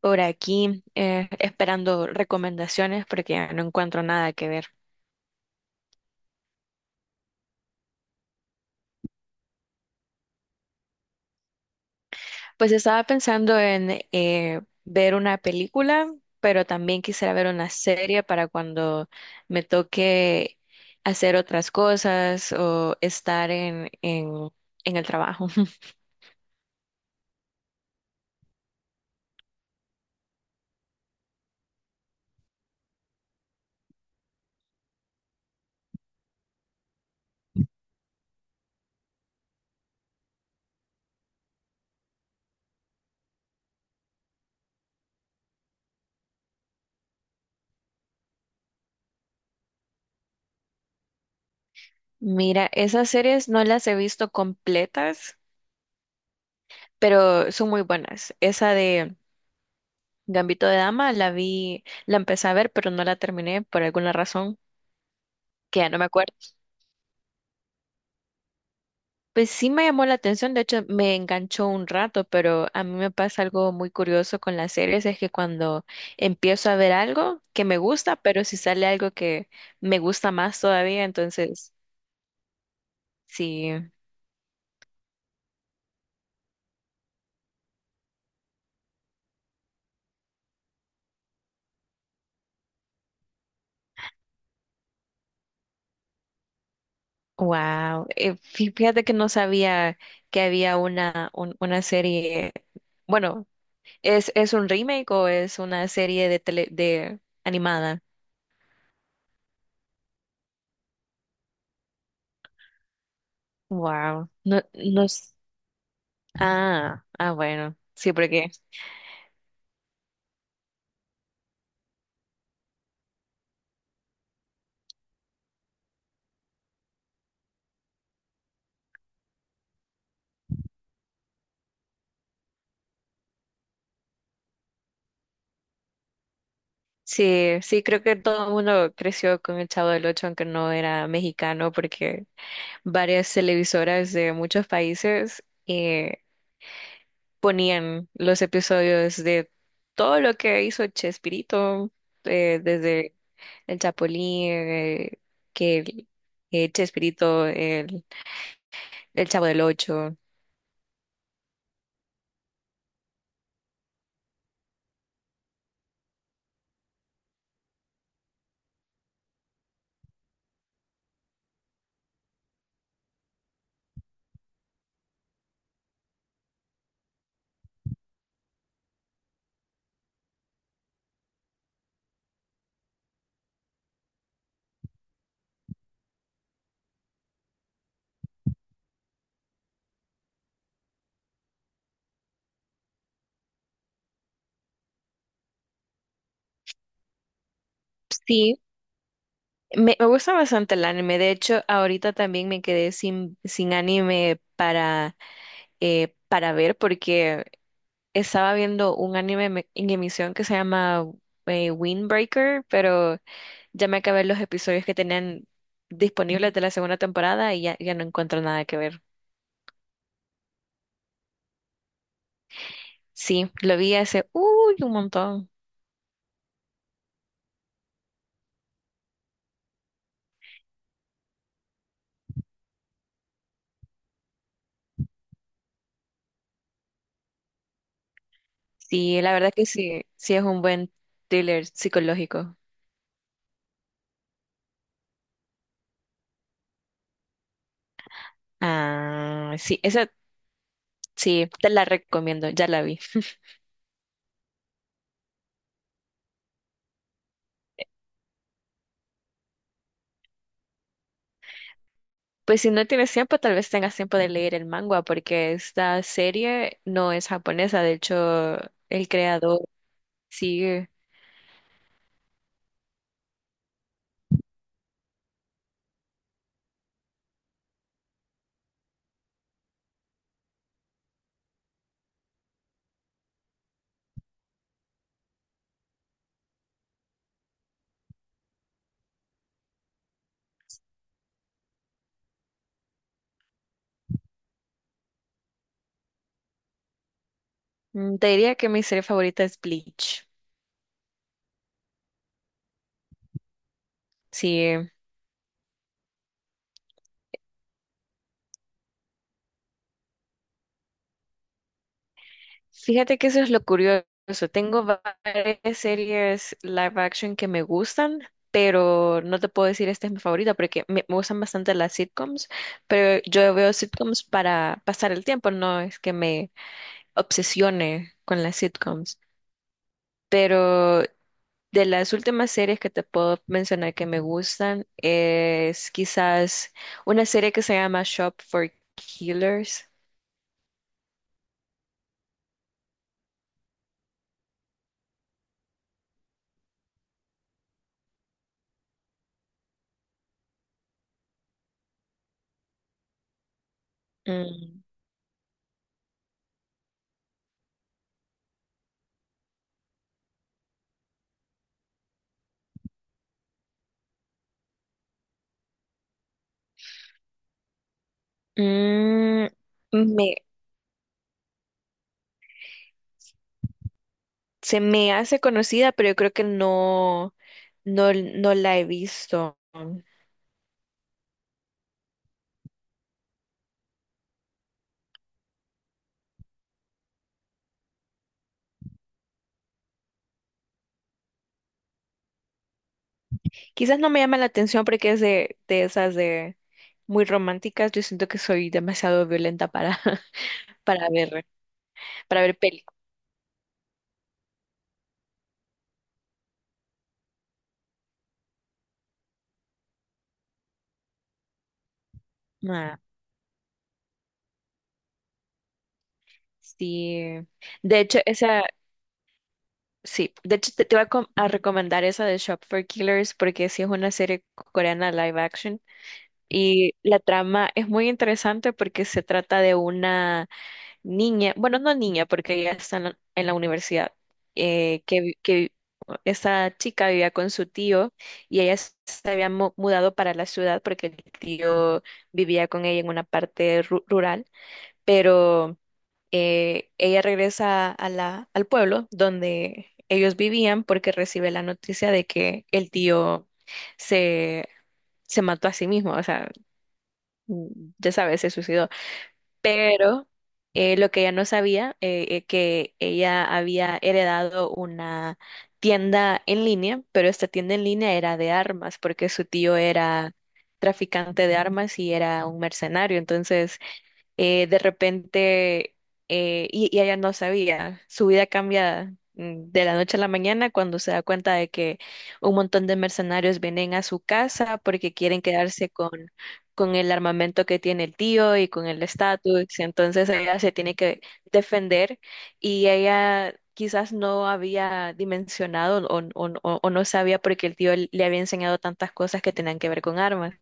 Por aquí esperando recomendaciones porque no encuentro nada que ver. Pues estaba pensando en ver una película, pero también quisiera ver una serie para cuando me toque hacer otras cosas o estar en el trabajo. Mira, esas series no las he visto completas, pero son muy buenas. Esa de Gambito de Dama la vi, la empecé a ver, pero no la terminé por alguna razón que ya no me acuerdo. Pues sí me llamó la atención, de hecho me enganchó un rato, pero a mí me pasa algo muy curioso con las series, es que cuando empiezo a ver algo que me gusta, pero si sale algo que me gusta más todavía, entonces sí, wow. Fíjate que no sabía que había una serie, bueno, es un remake o es una serie de tele, de animada? Wow, no, ah, ah, bueno, sí, porque... Sí, sí, creo que todo el mundo creció con el Chavo del Ocho, aunque no era mexicano, porque varias televisoras de muchos países ponían los episodios de todo lo que hizo Chespirito, desde el Chapulín, que el- Chespirito, el Chavo del Ocho. Sí, me gusta bastante el anime. De hecho, ahorita también me quedé sin anime para ver porque estaba viendo un en emisión que se llama Windbreaker, pero ya me acabé los episodios que tenían disponibles de la segunda temporada y ya no encuentro nada que ver. Sí, lo vi hace, uy, un montón. Sí, la verdad que sí, sí es un buen thriller psicológico. Ah, sí, esa sí, te la recomiendo, ya la vi. Pues si no tienes tiempo, tal vez tengas tiempo de leer el manga, porque esta serie no es japonesa, de hecho, el creador... Sí, mm, te diría que mi serie favorita es Bleach. Sí, fíjate que eso es lo curioso. Tengo varias series live action que me gustan, pero no te puedo decir esta es mi favorita porque me gustan bastante las sitcoms, pero yo veo sitcoms para pasar el tiempo, no es que me obsesione con las sitcoms. Pero de las últimas series que te puedo mencionar que me gustan es quizás una serie que se llama Shop for Killers. Mm, Mm, me, Se me hace conocida, pero yo creo que no la he visto. Quizás no me llama la atención porque es de esas de muy románticas. Yo siento que soy demasiado violenta para, para ver, para ver películas. Ah, sí. De hecho, esa, sí. De hecho, te voy a recomendar esa de Shop for Killers porque sí es una serie coreana live action. Y la trama es muy interesante porque se trata de una niña, bueno, no niña, porque ella está en en la universidad, eh, que, vi- que vi- esta chica vivía con su tío y ella se había mudado para la ciudad porque el tío vivía con ella en una parte rural, pero ella regresa a al pueblo donde ellos vivían porque recibe la noticia de que el tío se, se mató a sí mismo, o sea, mm, ya sabes, se suicidó. Pero lo que ella no sabía, que ella había heredado una tienda en línea, pero esta tienda en línea era de armas, porque su tío era traficante de armas y era un mercenario. Entonces, de repente, y ella no sabía, su vida cambia, mm, de la noche a la mañana cuando se da cuenta de que un montón de mercenarios vienen a su casa porque quieren quedarse con el armamento que tiene el tío y con el estatus, entonces ella se tiene que defender y ella... Quizás no había dimensionado o no sabía porque el tío le había enseñado tantas cosas que tenían que ver con armas.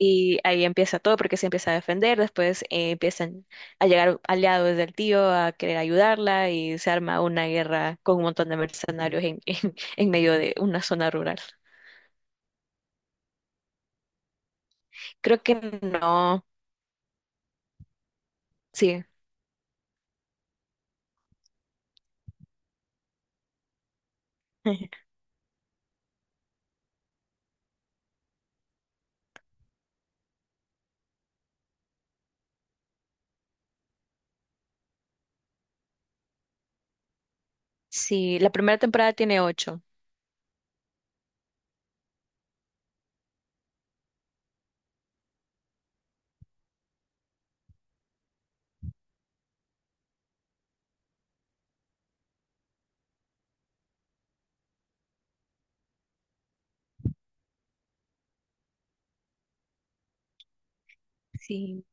Y ahí empieza todo porque se empieza a defender, después empiezan a llegar aliados del tío a querer ayudarla y se arma una guerra con un montón de mercenarios en, en medio de una zona rural. Creo que no, sí, sí, la primera temporada tiene ocho. Sí,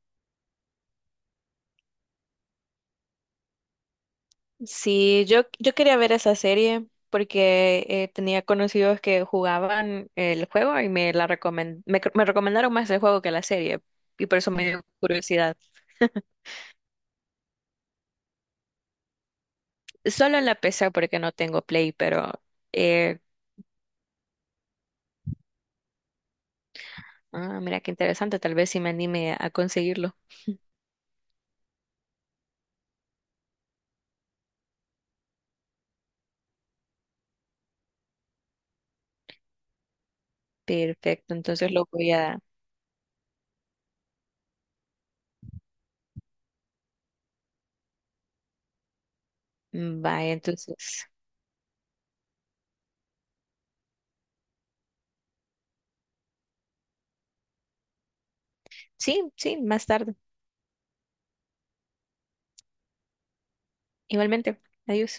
sí, yo quería ver esa serie porque tenía conocidos que jugaban el juego y me recomendaron más el juego que la serie y por eso me dio curiosidad. Solo en la PC porque no tengo Play, pero eh, ah, mira qué interesante, tal vez si me anime a conseguirlo. Perfecto, entonces lo voy a... Vaya, entonces. Sí, sí, más tarde. Igualmente. Adiós.